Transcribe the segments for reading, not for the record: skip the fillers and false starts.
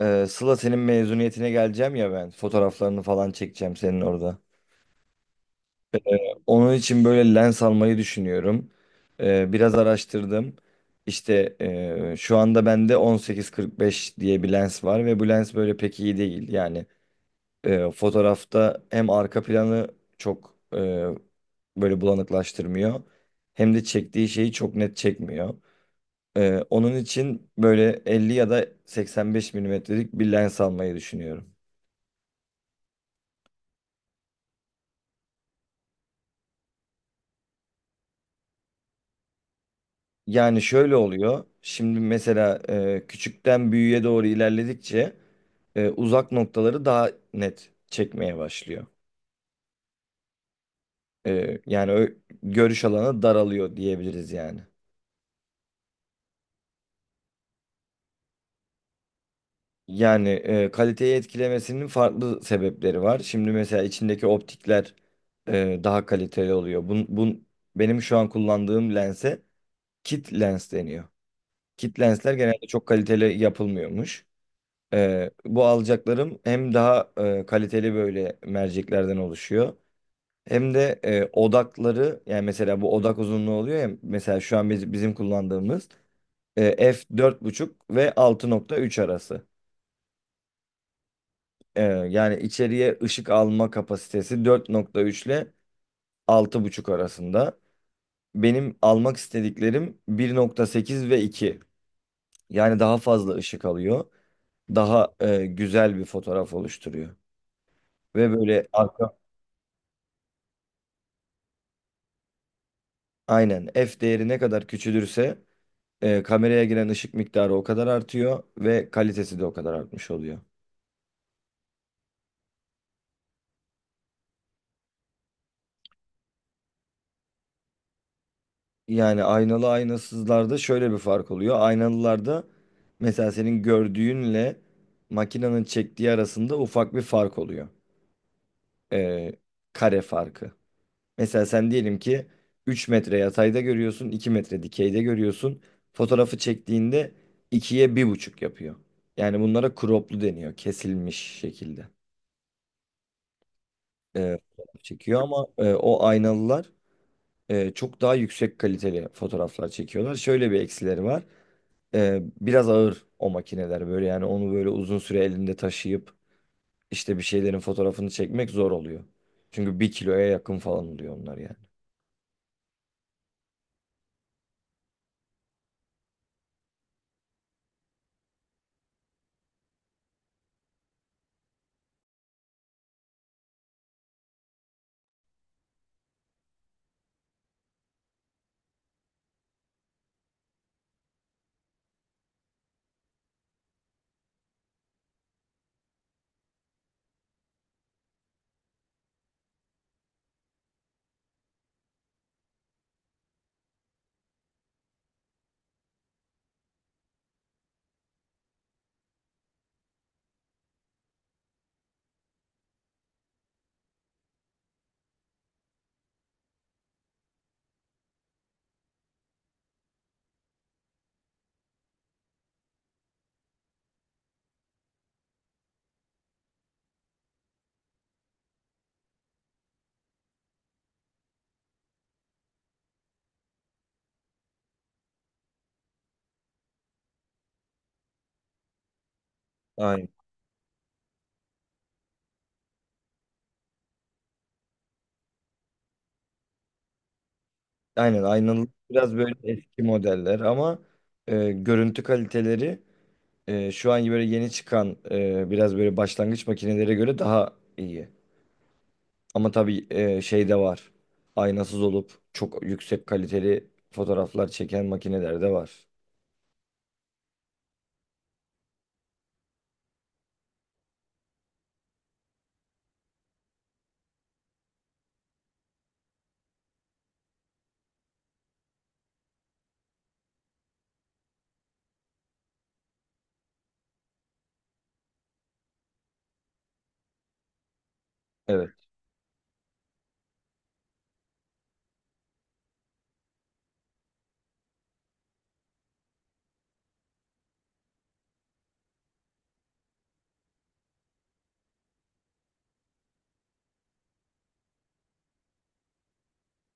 Sıla, senin mezuniyetine geleceğim ya ben. Fotoğraflarını falan çekeceğim senin orada. Onun için böyle lens almayı düşünüyorum. Biraz araştırdım. İşte şu anda bende 18-45 diye bir lens var ve bu lens böyle pek iyi değil. Yani fotoğrafta hem arka planı çok böyle bulanıklaştırmıyor hem de çektiği şeyi çok net çekmiyor. Onun için böyle 50 ya da 85 milimetrelik bir lens almayı düşünüyorum. Yani şöyle oluyor. Şimdi mesela küçükten büyüğe doğru ilerledikçe uzak noktaları daha net çekmeye başlıyor. Yani görüş alanı daralıyor diyebiliriz yani. Yani kaliteyi etkilemesinin farklı sebepleri var. Şimdi mesela içindeki optikler daha kaliteli oluyor. Benim şu an kullandığım lense kit lens deniyor. Kit lensler genelde çok kaliteli yapılmıyormuş. Bu alacaklarım hem daha kaliteli böyle merceklerden oluşuyor. Hem de odakları yani mesela bu odak uzunluğu oluyor ya mesela şu an bizim kullandığımız f dört buçuk ve altı nokta üç arası. Yani içeriye ışık alma kapasitesi 4.3 ile altı buçuk arasında. Benim almak istediklerim bir nokta sekiz ve iki. Yani daha fazla ışık alıyor. Daha güzel bir fotoğraf oluşturuyor. Ve böyle. Aynen, f değeri ne kadar küçülürse kameraya giren ışık miktarı o kadar artıyor ve kalitesi de o kadar artmış oluyor. Yani aynalı aynasızlarda şöyle bir fark oluyor. Aynalılarda mesela senin gördüğünle makinenin çektiği arasında ufak bir fark oluyor. E, Kare farkı. Mesela sen diyelim ki 3 metre yatayda görüyorsun, 2 metre dikeyde görüyorsun. Fotoğrafı çektiğinde ikiye bir buçuk yapıyor. Yani bunlara croplu deniyor, kesilmiş şekilde. Fotoğraf çekiyor ama o aynalılar çok daha yüksek kaliteli fotoğraflar çekiyorlar. Şöyle bir eksileri var. Biraz ağır o makineler böyle yani onu böyle uzun süre elinde taşıyıp işte bir şeylerin fotoğrafını çekmek zor oluyor. Çünkü bir kiloya yakın falan oluyor onlar yani. Aynen. Aynen, aynalı biraz böyle eski modeller ama görüntü kaliteleri şu an böyle yeni çıkan biraz böyle başlangıç makinelere göre daha iyi. Ama tabii şey de var. Aynasız olup çok yüksek kaliteli fotoğraflar çeken makineler de var. Evet.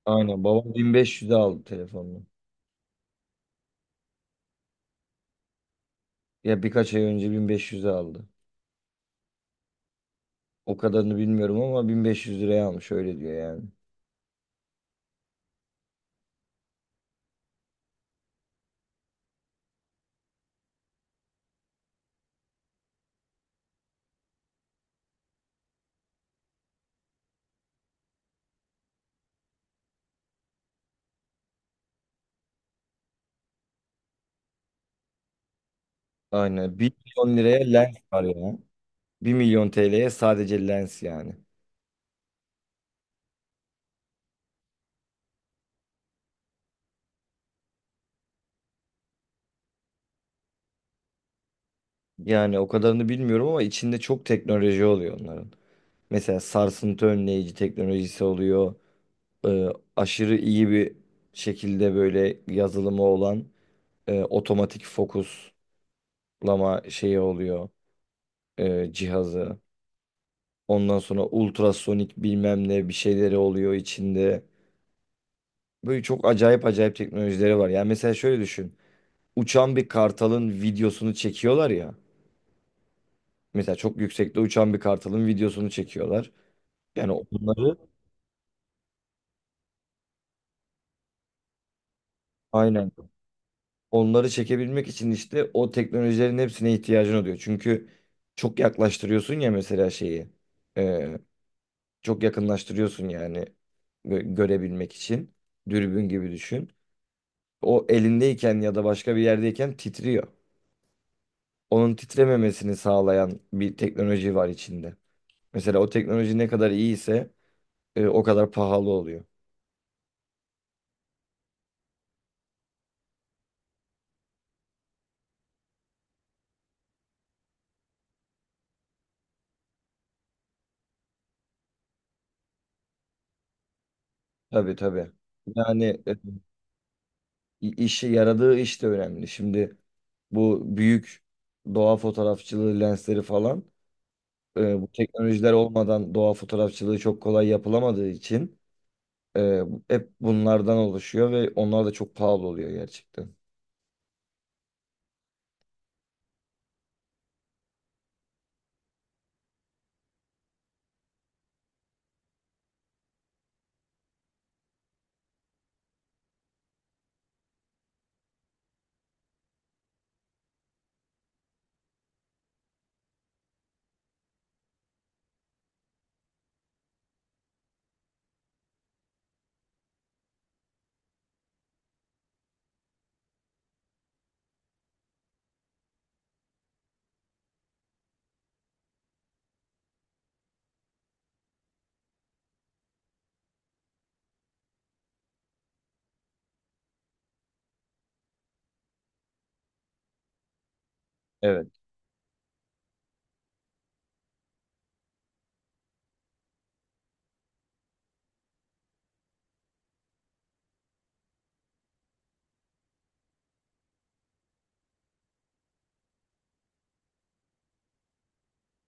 Aynen. Babam 1500'e aldı telefonunu. Ya birkaç ay önce 1500'e aldı. O kadarını bilmiyorum ama 1500 liraya almış öyle diyor yani. Aynen. 1 milyon liraya lens var ya. Bir milyon TL'ye sadece lens yani. Yani o kadarını bilmiyorum ama içinde çok teknoloji oluyor onların. Mesela sarsıntı önleyici teknolojisi oluyor. Ee, Aşırı iyi bir şekilde böyle yazılımı olan otomatik fokuslama şeyi oluyor cihazı. Ondan sonra ultrasonik bilmem ne bir şeyleri oluyor içinde. Böyle çok acayip acayip teknolojileri var. Yani mesela şöyle düşün. Uçan bir kartalın videosunu çekiyorlar ya. Mesela çok yüksekte uçan bir kartalın videosunu çekiyorlar. Yani onları, aynen, onları çekebilmek için işte o teknolojilerin hepsine ihtiyacın oluyor. Çünkü çok yaklaştırıyorsun ya mesela şeyi. Ee, Çok yakınlaştırıyorsun yani görebilmek için. Dürbün gibi düşün. O elindeyken ya da başka bir yerdeyken titriyor. Onun titrememesini sağlayan bir teknoloji var içinde. Mesela o teknoloji ne kadar iyiyse o kadar pahalı oluyor. Tabii, tabii. Yani işi yaradığı iş de önemli. Şimdi bu büyük doğa fotoğrafçılığı lensleri falan bu teknolojiler olmadan doğa fotoğrafçılığı çok kolay yapılamadığı için Ee, hep bunlardan oluşuyor ve onlar da çok pahalı oluyor gerçekten. Evet.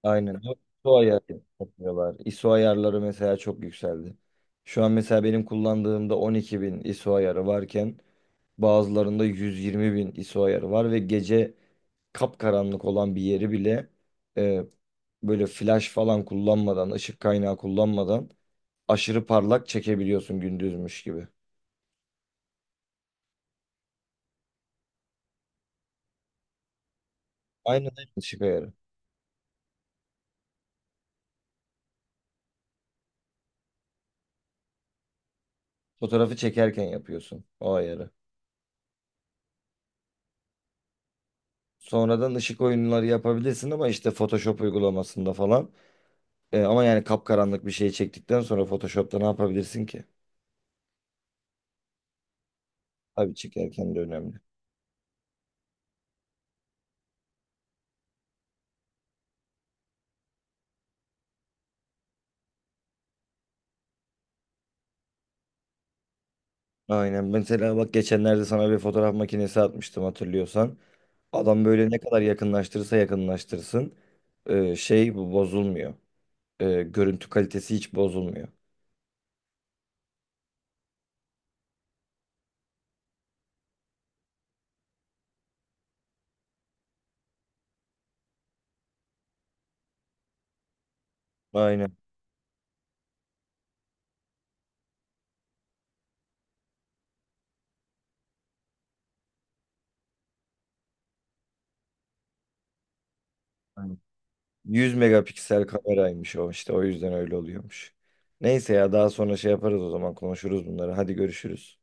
Aynen. ISO ayarı yapıyorlar. ISO ayarları mesela çok yükseldi. Şu an mesela benim kullandığımda 12.000 ISO ayarı varken bazılarında 120.000 ISO ayarı var ve gece kapkaranlık olan bir yeri bile e, böyle flash falan kullanmadan, ışık kaynağı kullanmadan aşırı parlak çekebiliyorsun gündüzmüş gibi. Aynen öyle, ışık ayarı. Fotoğrafı çekerken yapıyorsun o ayarı. Sonradan ışık oyunları yapabilirsin ama işte Photoshop uygulamasında falan. Ama yani kapkaranlık bir şey çektikten sonra Photoshop'ta ne yapabilirsin ki? Tabii çekerken de önemli. Aynen. Mesela bak, geçenlerde sana bir fotoğraf makinesi atmıştım hatırlıyorsan. Adam böyle ne kadar yakınlaştırırsa yakınlaştırsın şey bu bozulmuyor. Görüntü kalitesi hiç bozulmuyor. Aynen, aynen. 100 megapiksel kameraymış o, işte o yüzden öyle oluyormuş. Neyse ya, daha sonra şey yaparız, o zaman konuşuruz bunları. Hadi görüşürüz.